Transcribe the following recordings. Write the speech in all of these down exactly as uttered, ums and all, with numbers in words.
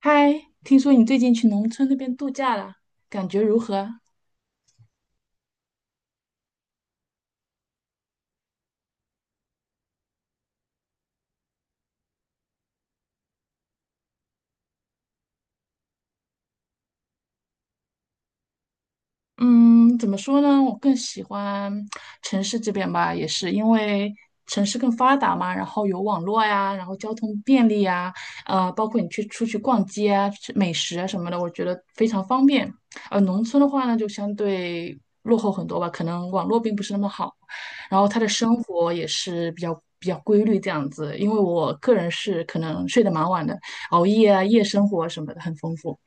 嗨，听说你最近去农村那边度假了，感觉如何？嗯，怎么说呢？我更喜欢城市这边吧，也是因为城市更发达嘛，然后有网络呀，然后交通便利呀，呃，包括你去出去逛街啊、吃美食啊什么的，我觉得非常方便。呃，农村的话呢，就相对落后很多吧，可能网络并不是那么好，然后他的生活也是比较比较规律这样子。因为我个人是可能睡得蛮晚的，熬夜啊、夜生活什么的很丰富。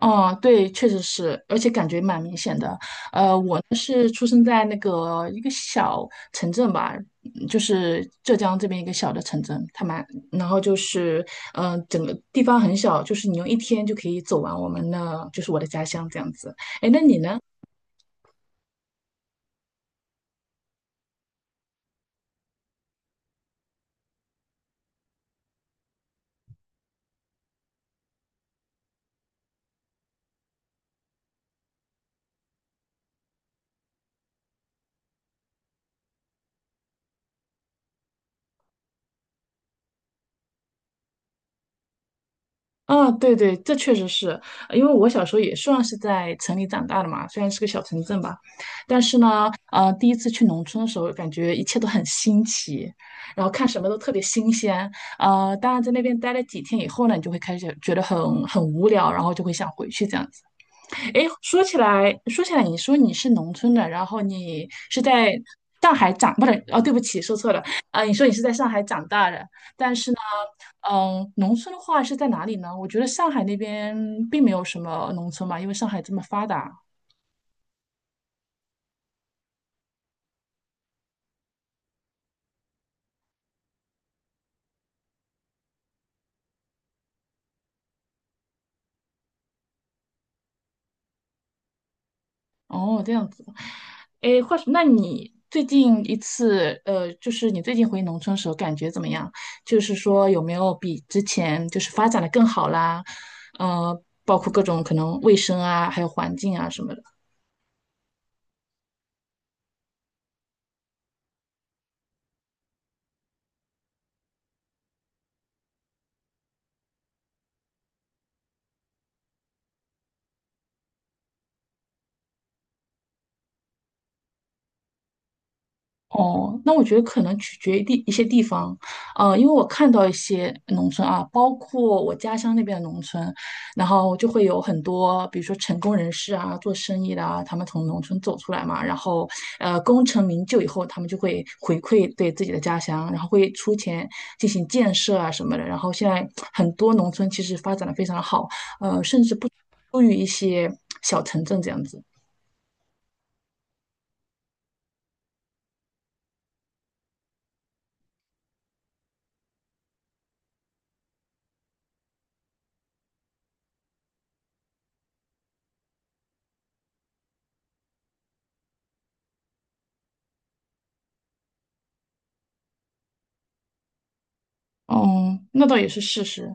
哦，对，确实是，而且感觉蛮明显的。呃，我呢是出生在那个一个小城镇吧，嗯就是浙江这边一个小的城镇，它蛮，然后就是，嗯、呃整个地方很小，就是你用一天就可以走完我们的，就是我的家乡这样子。哎，那你呢？啊，对对，这确实是，呃因为我小时候也算是在城里长大的嘛，虽然是个小城镇吧，但是呢，呃，第一次去农村的时候，感觉一切都很新奇，然后看什么都特别新鲜，呃，当然在那边待了几天以后呢，你就会开始觉得很很无聊，然后就会想回去这样子。哎，说起来，说起来，你说你是农村的，然后你是在上海长，不是，哦，对不起，说错了，啊、你说你是在上海长大的，但是呢，嗯，农村的话是在哪里呢？我觉得上海那边并没有什么农村嘛，因为上海这么发达。哦，这样子。哎，话说，那你最近一次，呃，就是你最近回农村时候感觉怎么样？就是说有没有比之前就是发展的更好啦？呃，包括各种可能卫生啊，还有环境啊什么的。哦，那我觉得可能取决于地一些地方，呃，因为我看到一些农村啊，包括我家乡那边的农村，然后就会有很多，比如说成功人士啊，做生意的啊，他们从农村走出来嘛，然后呃，功成名就以后，他们就会回馈对自己的家乡，然后会出钱进行建设啊什么的，然后现在很多农村其实发展的非常好，优于一些小城镇这样子。嗯，那倒也是事实，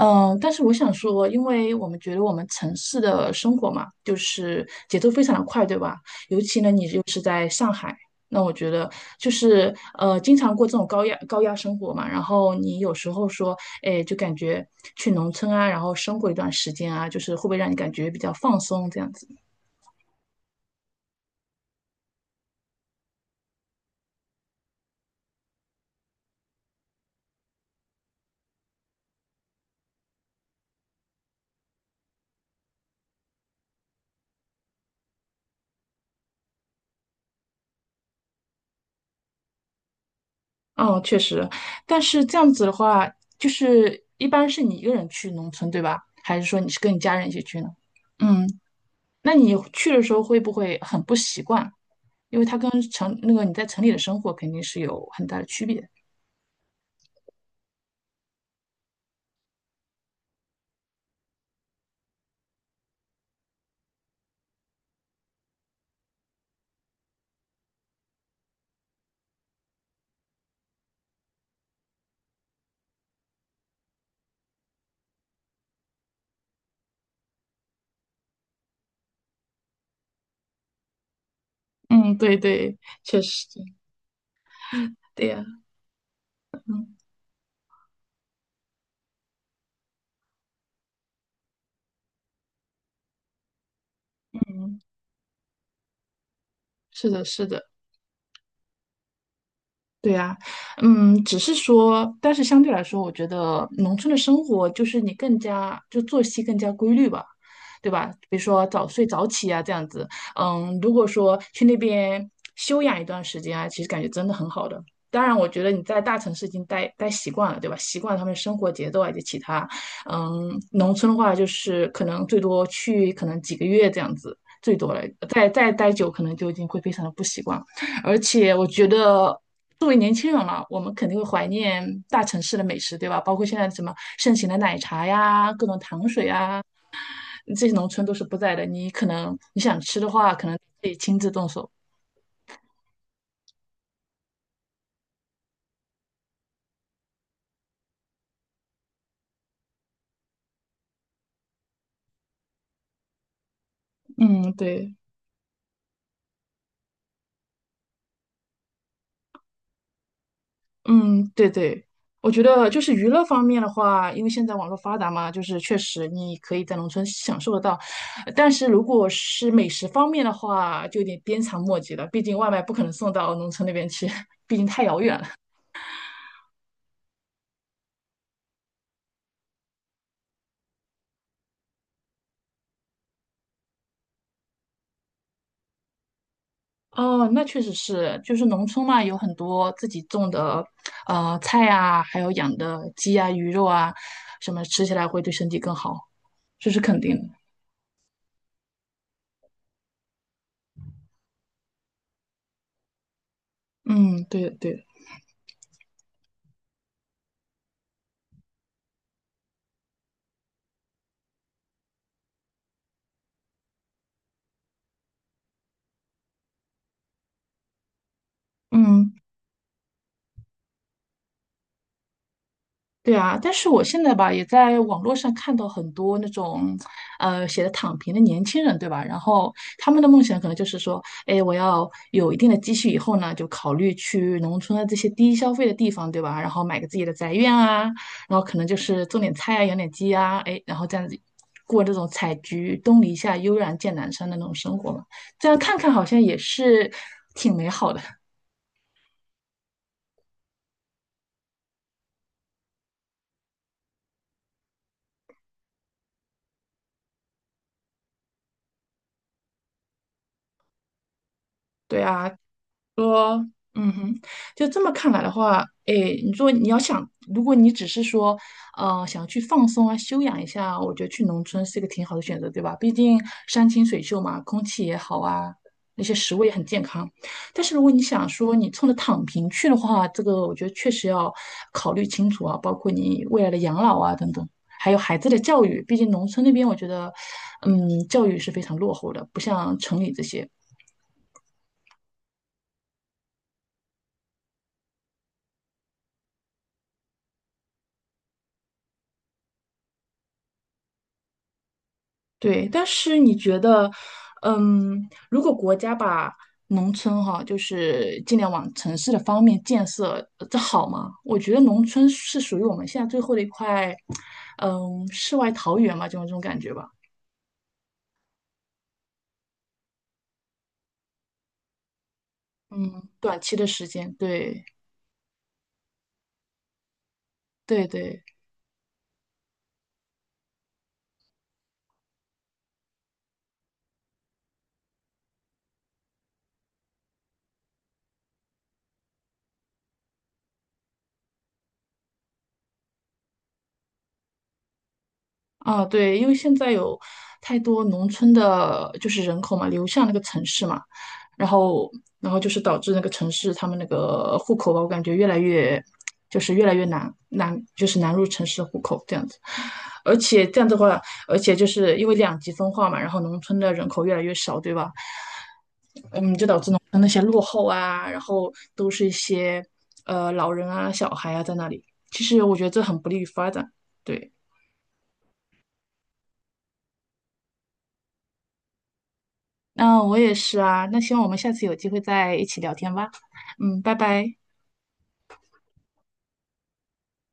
嗯，但是我想说，因为我们觉得我们城市的生活嘛，就是节奏非常的快，对吧？尤其呢，你又是在上海，那我觉得就是呃，经常过这种高压高压生活嘛，然后你有时候说，哎，就感觉去农村啊，然后生活一段时间啊，就是会不会让你感觉比较放松这样子？嗯，确实，但是这样子的话，就是一般是你一个人去农村，对吧？还是说你是跟你家人一起去呢？嗯，那你去的时候会不会很不习惯？因为它跟城那个你在城里的生活肯定是有很大的区别。嗯，对对，确实，对呀，嗯嗯，是的，是的。对啊，嗯，只是说，但是相对来说，我觉得农村的生活就是你更加就作息更加规律吧，对吧？比如说早睡早起啊，这样子。嗯，如果说去那边休养一段时间啊，其实感觉真的很好的。当然，我觉得你在大城市已经待待习惯了，对吧？习惯了他们的生活节奏啊以及其他。嗯，农村的话就是可能最多去可能几个月这样子，最多了。再再待久，可能就已经会非常的不习惯。而且我觉得作为年轻人嘛，我们肯定会怀念大城市的美食，对吧？包括现在什么盛行的奶茶呀、各种糖水啊，这些农村都是不在的。你可能你想吃的话，可能得亲自动手。嗯，对，嗯，对对。我觉得就是娱乐方面的话，因为现在网络发达嘛，就是确实你可以在农村享受得到，但是如果是美食方面的话，就有点鞭长莫及了。毕竟外卖不可能送到农村那边去，毕竟太遥远了。哦，那确实是，就是农村嘛，有很多自己种的，呃，菜啊，还有养的鸡啊、鱼肉啊，什么吃起来会对身体更好，这是肯定的。嗯，对对，嗯。对啊，但是我现在吧，也在网络上看到很多那种，呃，写的躺平的年轻人，对吧？然后他们的梦想可能就是说，哎，我要有一定的积蓄以后呢，就考虑去农村的这些低消费的地方，对吧？然后买个自己的宅院啊，然后可能就是种点菜啊，养点鸡啊，哎，然后这样子过这种采菊东篱下，悠然见南山的那种生活嘛。这样看看好像也是挺好的，对啊。说，嗯哼，就这么看来的话，哎，你说你要想，如果你只是说，呃，想去放松啊、休养一下，我觉得去农村是一个挺好的选择，对吧？毕竟山清水秀嘛，空气也好啊，那些食物也很健康。但是如果你想说你冲着躺平去的话，这个我觉得确实要考虑清楚啊，包括你未来的养老啊等等，还有孩子的教育，毕竟农村那边我觉得，嗯，教育是非常落后的，不像城里这些。对，但是你觉得，嗯，如果国家把农村哈，就是尽量往城市的方面建设，呃这好吗？我觉得农村是属于我们现在最后的一块，嗯，世外桃源嘛，就种这种感觉吧。嗯，短期的时间，对对对。啊，对，因为现在有太多农村的，就是人口嘛，流向那个城市嘛，然后，然后就是导致那个城市他们那个户口吧，我感觉越来越，就是越来越难难，就是难入城市的户口这样子。而且这样的话，而且就是因为两极分化嘛，然后农村的人口越来越少，对吧？你就导致农村那些落后啊，然后都是一些呃老人啊、小孩啊在那里，其实我觉得这很不利于发展。对。嗯，我也是啊。那希望我们下次有机会再一起聊天吧。嗯，拜拜。